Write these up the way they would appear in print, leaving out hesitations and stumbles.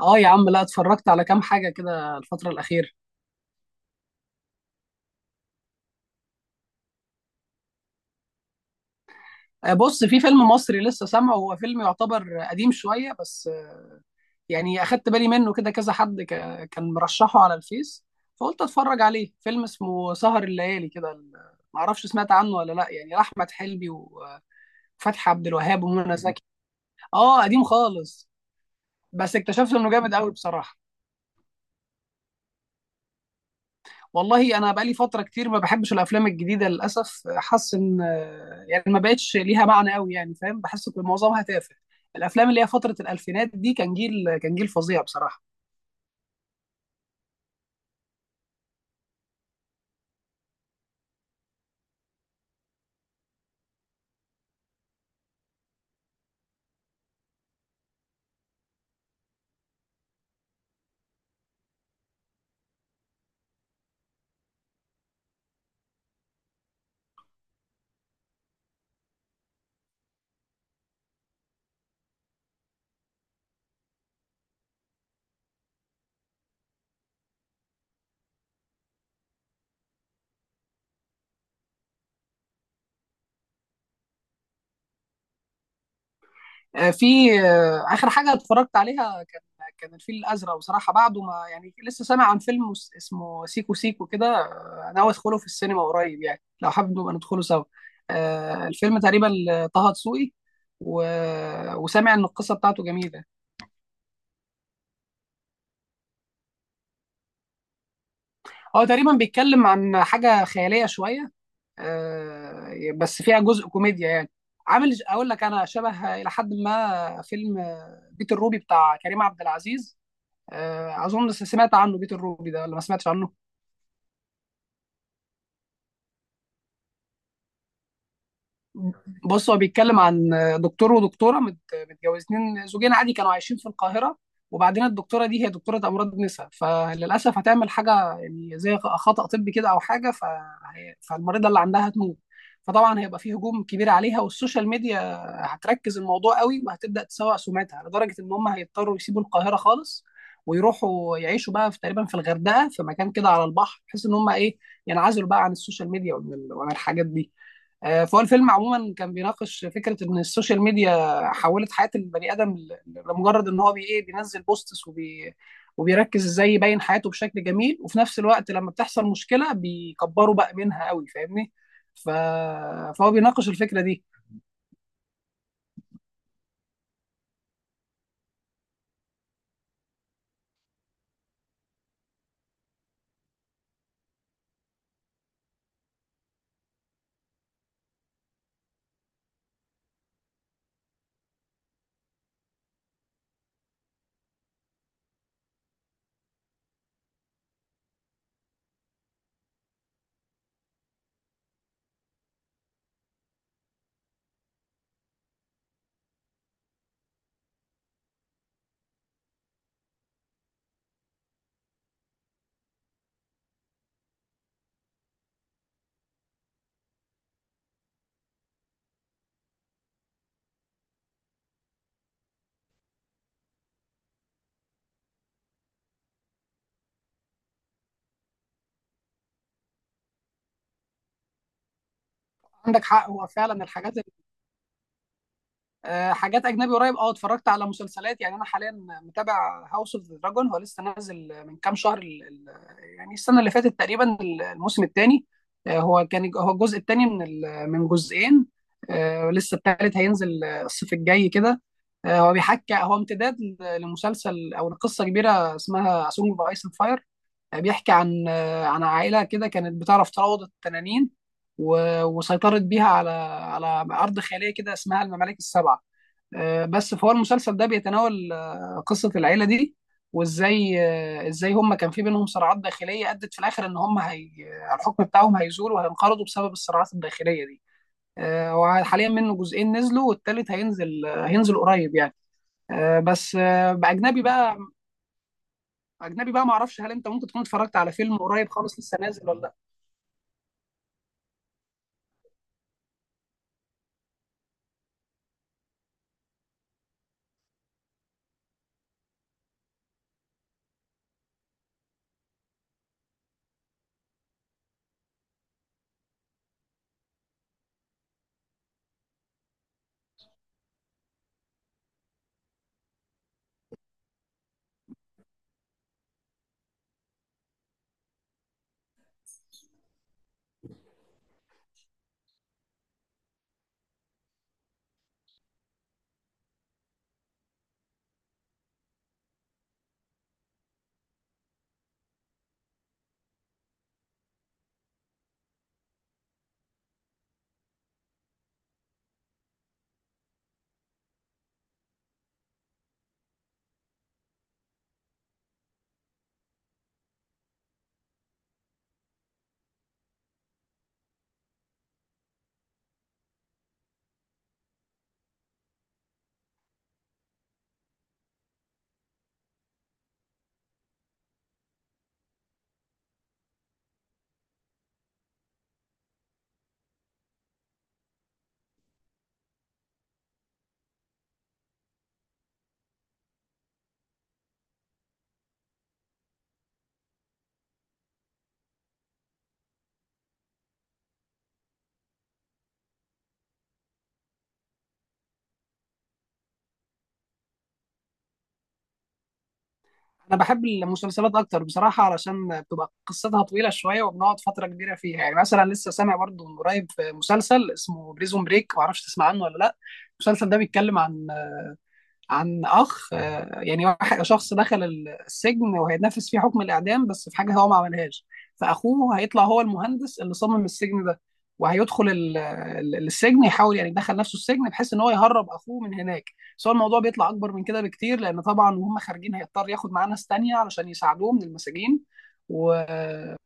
اه يا عم، لا اتفرجت على كام حاجة كده الفترة الأخيرة. بص، في فيلم مصري لسه سامعه، هو فيلم يعتبر قديم شوية بس، يعني أخدت بالي منه كده كذا حد، كان مرشحه على الفيس، فقلت أتفرج عليه. فيلم اسمه سهر الليالي كده. معرفش سمعت عنه ولا لا، يعني لأحمد حلمي وفتحي عبد الوهاب ومنى زكي. اه، قديم خالص، بس اكتشفت إنه جامد قوي بصراحة. والله انا بقالي فتره كتير ما بحبش الافلام الجديده للاسف. حاسس ان يعني ما بقتش ليها معنى قوي، يعني فاهم، بحس ان معظمها تافه. الافلام اللي هي فتره الالفينات دي كان جيل فظيع بصراحه. في، اخر حاجه اتفرجت عليها كان الفيل الازرق بصراحه. بعده ما يعني لسه سامع عن فيلم اسمه سيكو سيكو كده. ناوي ادخله في السينما قريب، يعني لو حابب نبقى ندخله سوا. الفيلم تقريبا طه دسوقي و... وسامع ان القصه بتاعته جميله. هو تقريبا بيتكلم عن حاجة خيالية شوية، بس فيها جزء كوميديا يعني. عامل اقول لك، انا شبه الى حد ما فيلم بيت الروبي بتاع كريم عبد العزيز. اظن سمعت عنه، بيت الروبي ده، ولا ما سمعتش عنه؟ بص، هو بيتكلم عن دكتور ودكتوره متجوزين زوجين عادي، كانوا عايشين في القاهره. وبعدين الدكتوره دي هي دكتوره امراض نساء، فللاسف هتعمل حاجه يعني زي خطا طبي كده او حاجه، فالمريضه اللي عندها هتموت. فطبعا هيبقى فيه هجوم كبير عليها، والسوشيال ميديا هتركز الموضوع قوي، وهتبدا تسوق سمعتها، لدرجه ان هم هيضطروا يسيبوا القاهره خالص ويروحوا يعيشوا بقى في، تقريبا، في الغردقه، في مكان كده على البحر، بحيث ان هم ايه، ينعزلوا بقى عن السوشيال ميديا وعن الحاجات دي. فهو الفيلم عموما كان بيناقش فكره ان السوشيال ميديا حولت حياه البني ادم لمجرد ان هو بي ايه بينزل بوستس وبيركز ازاي يبين حياته بشكل جميل. وفي نفس الوقت لما بتحصل مشكله بيكبروا بقى منها قوي، فاهمني. ف... فهو بيناقش الفكره دي. عندك حق، هو فعلا الحاجات، حاجات اجنبي قريب، اه، اتفرجت على مسلسلات. يعني انا حاليا متابع هاوس اوف ذا دراجون. هو لسه نازل من كام شهر، يعني السنه اللي فاتت تقريبا، الموسم الثاني. هو الجزء الثاني من جزئين. لسه الثالث هينزل الصيف الجاي كده. هو بيحكي، هو امتداد لمسلسل او لقصه كبيره اسمها سونج اوف ايس اند فاير. بيحكي عن عائله كده كانت بتعرف تروض التنانين وسيطرت بيها على ارض خياليه كده اسمها الممالك السبعه. بس فهو المسلسل ده بيتناول قصة العيلة دي، وازاي آه، ازاي هم كان في بينهم صراعات داخلية ادت في الاخر ان هم، هي، الحكم بتاعهم هيزول وهينقرضوا بسبب الصراعات الداخلية دي. هو حاليا منه جزئين نزلوا والتالت هينزل قريب يعني. آه، بس آه، باجنبي بقى. اجنبي بقى، ما اعرفش، هل انت ممكن تكون اتفرجت على فيلم قريب خالص لسه نازل ولا لا؟ انا بحب المسلسلات اكتر بصراحه علشان بتبقى قصتها طويله شويه وبنقعد فتره كبيره فيها. يعني مثلا لسه سامع برضو من قريب مسلسل اسمه بريزون بريك. معرفش تسمع عنه ولا لا. المسلسل ده بيتكلم عن أخ، يعني شخص دخل السجن وهيتنفذ فيه حكم الإعدام، بس في حاجة هو ما عملهاش. فأخوه هيطلع، هو المهندس اللي صمم السجن ده، وهيدخل السجن، يحاول يعني يدخل نفسه السجن بحيث ان هو يهرب اخوه من هناك. بس هو الموضوع بيطلع اكبر من كده بكتير، لان طبعا وهم خارجين هيضطر ياخد معاه ناس تانية علشان يساعدوه من المساجين. و...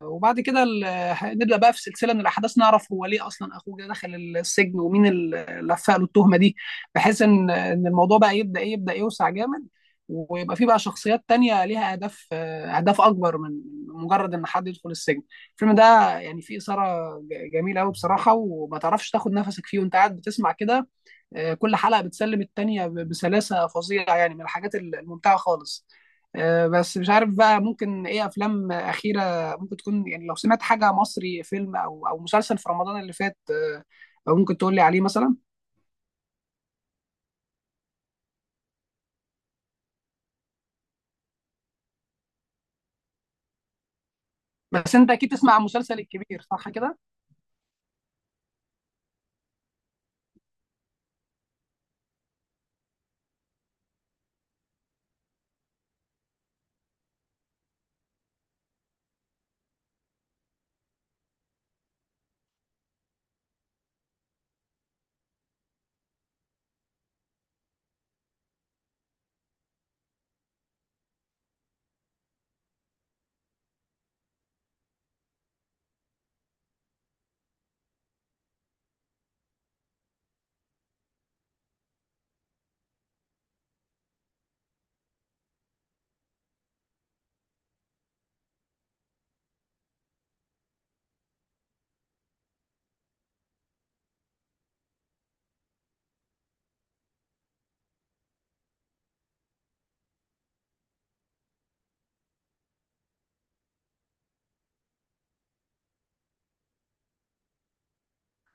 وبعد كده نبدا بقى في سلسله من الاحداث، نعرف هو ليه اصلا اخوه جه دخل السجن ومين اللي لفق له التهمه دي، بحيث ان الموضوع بقى يبدا يوسع جامد، ويبقى في بقى شخصيات تانية ليها اهداف اكبر من مجرد ان حد يدخل السجن. الفيلم ده يعني فيه اثاره جميله قوي بصراحه، وما تعرفش تاخد نفسك فيه وانت قاعد بتسمع كده. كل حلقه بتسلم التانية بسلاسه فظيعه، يعني من الحاجات الممتعه خالص. بس مش عارف بقى، ممكن ايه افلام اخيره ممكن تكون، يعني لو سمعت حاجه مصري فيلم او مسلسل في رمضان اللي فات، ممكن تقول لي عليه مثلا. بس انت اكيد تسمع عن مسلسل الكبير، صح كده؟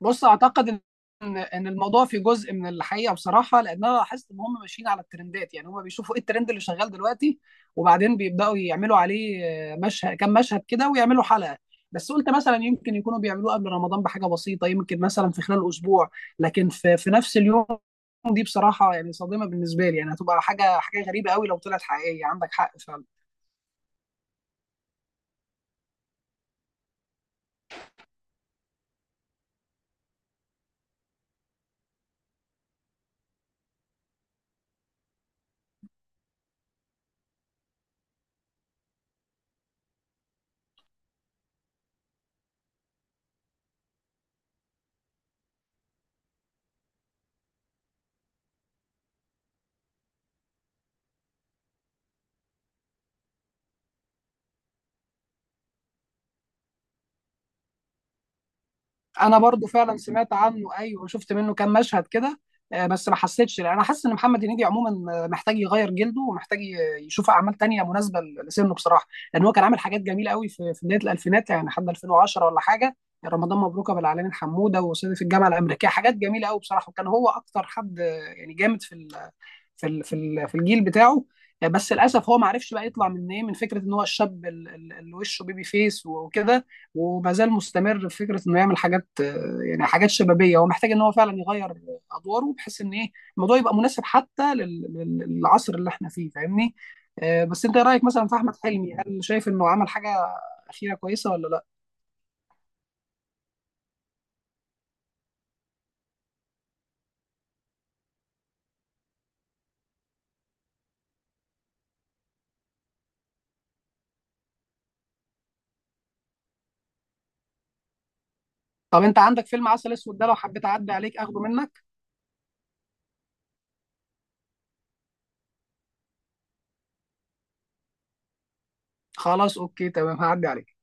بص، اعتقد ان الموضوع في جزء من الحقيقه بصراحه، لان انا لاحظت ان هم ماشيين على الترندات. يعني هم بيشوفوا ايه الترند اللي شغال دلوقتي وبعدين بيبداوا يعملوا عليه مشهد، كام مشهد كده، ويعملوا حلقه. بس قلت مثلا يمكن يكونوا بيعملوه قبل رمضان بحاجه بسيطه، يمكن مثلا في خلال اسبوع. لكن في نفس اليوم، دي بصراحه يعني صادمه بالنسبه لي. يعني هتبقى حاجه غريبه قوي لو طلعت حقيقيه. عندك حق فعلا. انا برضو فعلا سمعت عنه، ايوه، شفت منه كام مشهد كده. بس ما حسيتش، لأ، انا حاسس ان محمد هنيدي عموما محتاج يغير جلده ومحتاج يشوف اعمال تانية مناسبه لسنه بصراحه. لان هو كان عامل حاجات جميله قوي في بدايه الالفينات، يعني لحد 2010 ولا حاجه. يعني رمضان مبروك ابو العلمين حموده وصعيدي في الجامعه الامريكيه، حاجات جميله قوي بصراحه. وكان هو اكتر حد، يعني جامد في الجيل بتاعه. بس للاسف هو ما عرفش بقى يطلع من ايه، من فكره ان هو الشاب اللي وشه بيبي فيس وكده. وما زال مستمر في فكره انه يعمل حاجات، يعني حاجات شبابيه. هو محتاج ان هو فعلا يغير ادواره بحيث ان ايه، الموضوع يبقى مناسب حتى للعصر اللي احنا فيه، فاهمني. بس انت إيه رايك مثلا في احمد حلمي؟ هل شايف انه عمل حاجه اخيره كويسه ولا لا؟ طب انت عندك فيلم عسل اسود ده؟ لو حبيت اعدي عليك اخده منك. خلاص، اوكي، تمام، هعدي عليك.